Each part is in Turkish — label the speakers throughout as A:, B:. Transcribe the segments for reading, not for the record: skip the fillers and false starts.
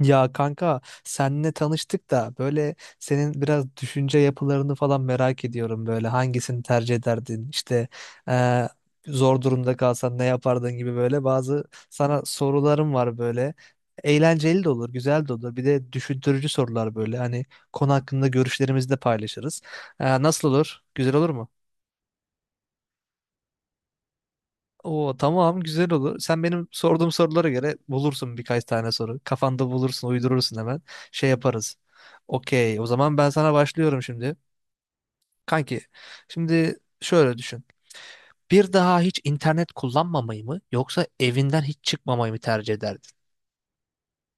A: Ya kanka senle tanıştık da böyle senin biraz düşünce yapılarını falan merak ediyorum, böyle hangisini tercih ederdin işte, eee, zor durumda kalsan ne yapardın gibi. Böyle bazı sana sorularım var böyle. Eğlenceli de olur, güzel de olur, bir de düşündürücü sorular, böyle hani konu hakkında görüşlerimizi de paylaşırız. Nasıl olur, güzel olur mu? Oo tamam, güzel olur. Sen benim sorduğum sorulara göre bulursun birkaç tane soru. Kafanda bulursun, uydurursun hemen. Şey yaparız. Okey. O zaman ben sana başlıyorum şimdi. Kanki, şimdi şöyle düşün. Bir daha hiç internet kullanmamayı mı yoksa evinden hiç çıkmamayı mı tercih ederdin?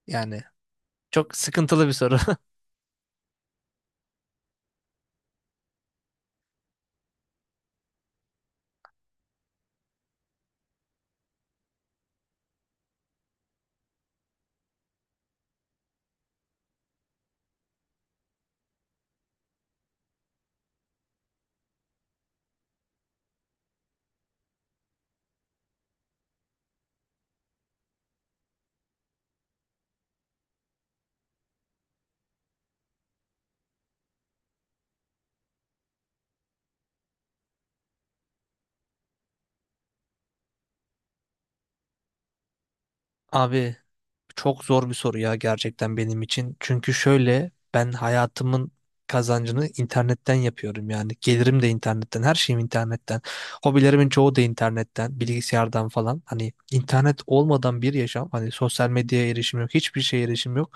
A: Yani çok sıkıntılı bir soru. Abi, çok zor bir soru ya gerçekten benim için. Çünkü şöyle, ben hayatımın kazancını internetten yapıyorum yani. Gelirim de internetten, her şeyim internetten. Hobilerimin çoğu da internetten, bilgisayardan falan. Hani internet olmadan bir yaşam, hani sosyal medyaya erişim yok, hiçbir şeye erişim yok,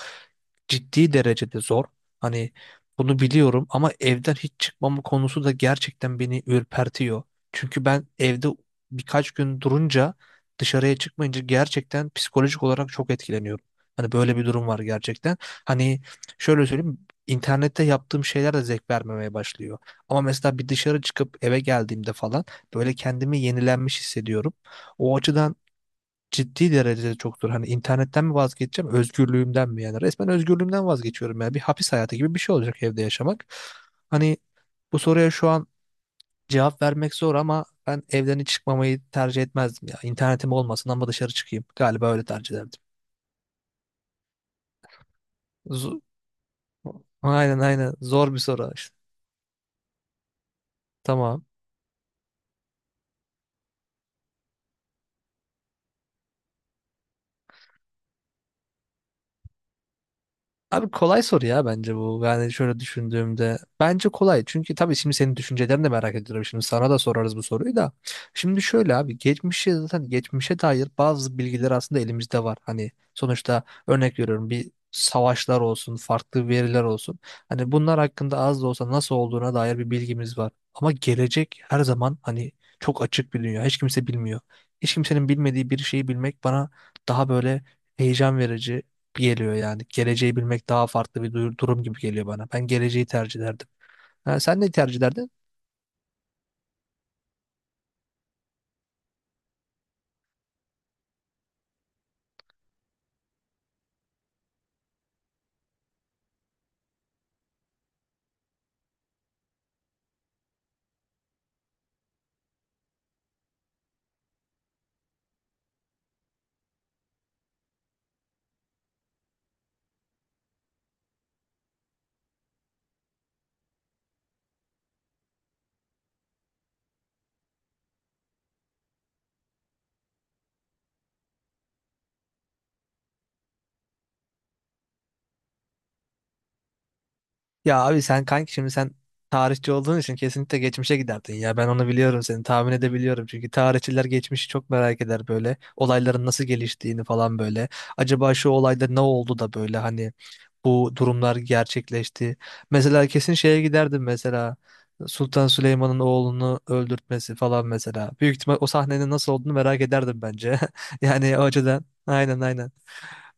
A: ciddi derecede zor. Hani bunu biliyorum ama evden hiç çıkmam konusu da gerçekten beni ürpertiyor. Çünkü ben evde birkaç gün durunca, dışarıya çıkmayınca gerçekten psikolojik olarak çok etkileniyorum. Hani böyle bir durum var gerçekten. Hani şöyle söyleyeyim, internette yaptığım şeyler de zevk vermemeye başlıyor. Ama mesela bir dışarı çıkıp eve geldiğimde falan böyle kendimi yenilenmiş hissediyorum. O açıdan ciddi derecede çoktur. Hani internetten mi vazgeçeceğim, özgürlüğümden mi? Yani resmen özgürlüğümden vazgeçiyorum. Ya bir hapis hayatı gibi bir şey olacak evde yaşamak. Hani bu soruya şu an cevap vermek zor ama ben evden hiç çıkmamayı tercih etmezdim ya. İnternetim olmasın ama dışarı çıkayım. Galiba öyle tercih ederdim. Z- aynen aynen, zor bir soru işte. Tamam. Abi kolay soru ya bence bu. Yani şöyle düşündüğümde, bence kolay. Çünkü tabii şimdi senin düşüncelerini de merak ediyorum. Şimdi sana da sorarız bu soruyu da. Şimdi şöyle abi. Geçmişe zaten, geçmişe dair bazı bilgiler aslında elimizde var. Hani sonuçta, örnek veriyorum, bir savaşlar olsun, farklı veriler olsun. Hani bunlar hakkında az da olsa nasıl olduğuna dair bir bilgimiz var. Ama gelecek her zaman hani çok açık bir dünya. Hiç kimse bilmiyor. Hiç kimsenin bilmediği bir şeyi bilmek bana daha böyle heyecan verici geliyor yani. Geleceği bilmek daha farklı bir durum gibi geliyor bana. Ben geleceği tercih ederdim. Ha, sen ne tercih ederdin? Ya abi sen kanki, şimdi sen tarihçi olduğun için kesinlikle geçmişe giderdin ya. Ben onu biliyorum, seni tahmin edebiliyorum. Çünkü tarihçiler geçmişi çok merak eder böyle. Olayların nasıl geliştiğini falan böyle. Acaba şu olayda ne oldu da böyle hani bu durumlar gerçekleşti. Mesela kesin şeye giderdim mesela. Sultan Süleyman'ın oğlunu öldürtmesi falan mesela. Büyük ihtimal o sahnenin nasıl olduğunu merak ederdim bence. Yani o açıdan. Aynen aynen.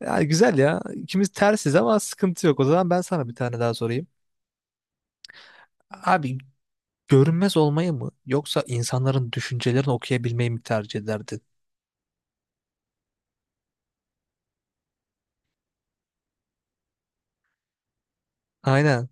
A: Ya güzel ya. İkimiz tersiz ama sıkıntı yok. O zaman ben sana bir tane daha sorayım. Abi görünmez olmayı mı yoksa insanların düşüncelerini okuyabilmeyi mi tercih ederdin? Aynen.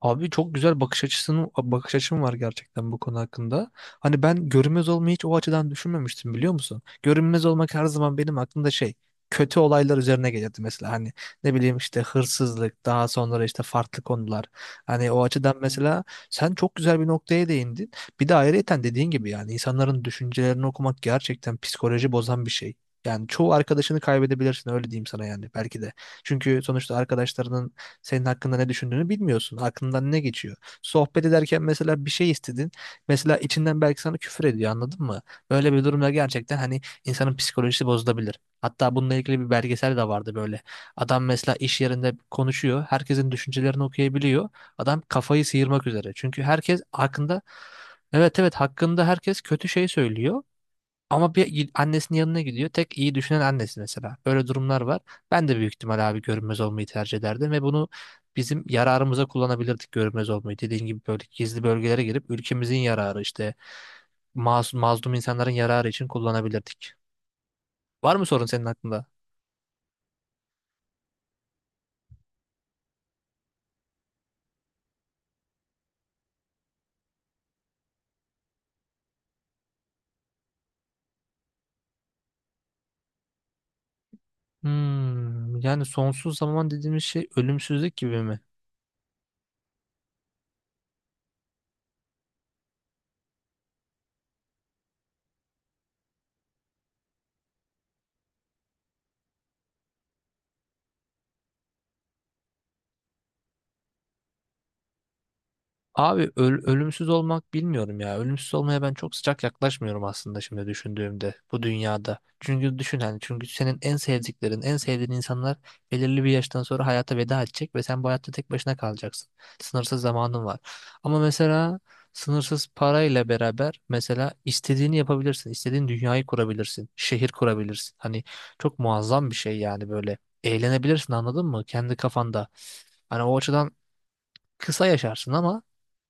A: Abi çok güzel bakış açısının, bakış açım var gerçekten bu konu hakkında. Hani ben görünmez olmayı hiç o açıdan düşünmemiştim, biliyor musun? Görünmez olmak her zaman benim aklımda şey, kötü olaylar üzerine gelirdi mesela, hani ne bileyim işte hırsızlık, daha sonra işte farklı konular. Hani o açıdan mesela, sen çok güzel bir noktaya değindin. Bir de ayrıyeten dediğin gibi yani insanların düşüncelerini okumak gerçekten psikoloji bozan bir şey. Yani çoğu arkadaşını kaybedebilirsin, öyle diyeyim sana yani, belki de. Çünkü sonuçta arkadaşlarının senin hakkında ne düşündüğünü bilmiyorsun. Aklından ne geçiyor? Sohbet ederken mesela bir şey istedin. Mesela içinden belki sana küfür ediyor, anladın mı? Böyle bir durumda gerçekten hani insanın psikolojisi bozulabilir. Hatta bununla ilgili bir belgesel de vardı böyle. Adam mesela iş yerinde konuşuyor. Herkesin düşüncelerini okuyabiliyor. Adam kafayı sıyırmak üzere. Çünkü herkes hakkında. Evet evet, hakkında herkes kötü şey söylüyor. Ama bir annesinin yanına gidiyor. Tek iyi düşünen annesi mesela. Böyle durumlar var. Ben de büyük ihtimal abi görünmez olmayı tercih ederdim ve bunu bizim yararımıza kullanabilirdik, görünmez olmayı. Dediğin gibi böyle gizli bölgelere girip ülkemizin yararı, işte masum, mazlum insanların yararı için kullanabilirdik. Var mı sorun senin aklında? Hmm, yani sonsuz zaman dediğimiz şey ölümsüzlük gibi mi? Abi ölümsüz olmak bilmiyorum ya. Ölümsüz olmaya ben çok sıcak yaklaşmıyorum aslında, şimdi düşündüğümde, bu dünyada. Çünkü düşün hani, çünkü senin en sevdiklerin, en sevdiğin insanlar belirli bir yaştan sonra hayata veda edecek ve sen bu hayatta tek başına kalacaksın. Sınırsız zamanın var. Ama mesela sınırsız parayla beraber mesela istediğini yapabilirsin. İstediğin dünyayı kurabilirsin. Şehir kurabilirsin. Hani çok muazzam bir şey yani böyle. Eğlenebilirsin, anladın mı? Kendi kafanda. Hani o açıdan kısa yaşarsın ama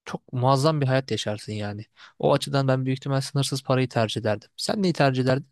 A: çok muazzam bir hayat yaşarsın yani. O açıdan ben büyük ihtimal sınırsız parayı tercih ederdim. Sen neyi tercih ederdin?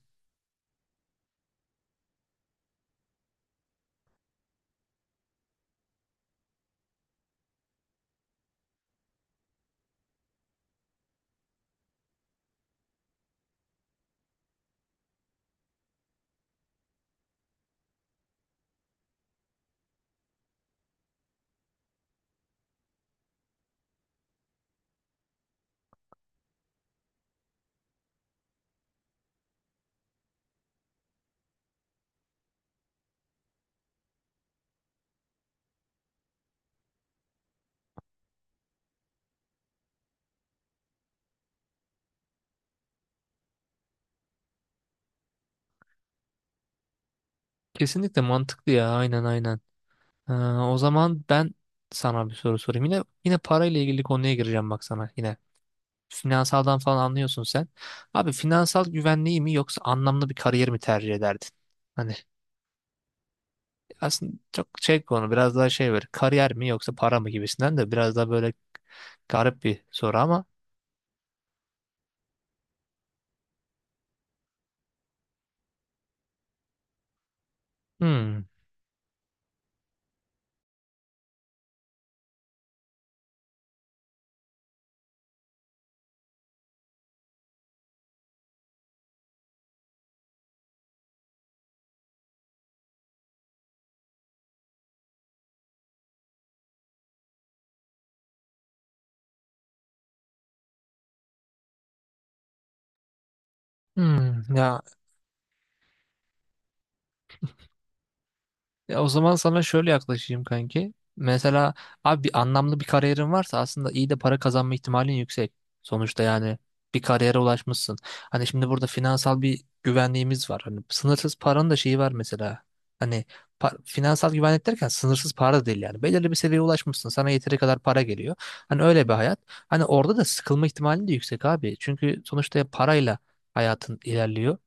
A: Kesinlikle mantıklı ya. Aynen aynen. Ha, o zaman ben sana bir soru sorayım. Yine parayla ilgili konuya gireceğim bak sana, yine. Finansaldan falan anlıyorsun sen. Abi finansal güvenliği mi yoksa anlamlı bir kariyer mi tercih ederdin? Hani aslında çok şey, konu biraz daha şey, böyle kariyer mi yoksa para mı gibisinden, de biraz daha böyle garip bir soru ama. Hmm, hmm, ya. Ya o zaman sana şöyle yaklaşayım kanki. Mesela abi, bir anlamlı bir kariyerin varsa aslında iyi de para kazanma ihtimalin yüksek. Sonuçta yani bir kariyere ulaşmışsın. Hani şimdi burada finansal bir güvenliğimiz var. Hani sınırsız paranın da şeyi var mesela. Hani finansal güvenlik derken sınırsız para da değil yani. Belirli bir seviyeye ulaşmışsın. Sana yeteri kadar para geliyor. Hani öyle bir hayat. Hani orada da sıkılma ihtimalin de yüksek abi. Çünkü sonuçta parayla hayatın ilerliyor.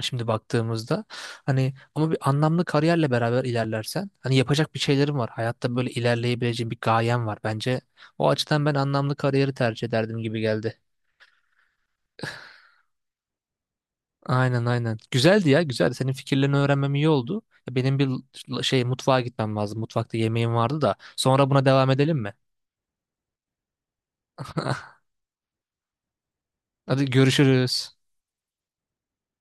A: Şimdi baktığımızda hani, ama bir anlamlı kariyerle beraber ilerlersen, hani yapacak bir şeylerim var, hayatta böyle ilerleyebileceğim bir gayem var. Bence o açıdan ben anlamlı kariyeri tercih ederdim gibi geldi. Aynen aynen. Güzeldi ya, güzeldi. Senin fikirlerini öğrenmem iyi oldu. Benim bir şey, mutfağa gitmem lazım. Mutfakta yemeğim vardı da. Sonra buna devam edelim mi? Hadi görüşürüz.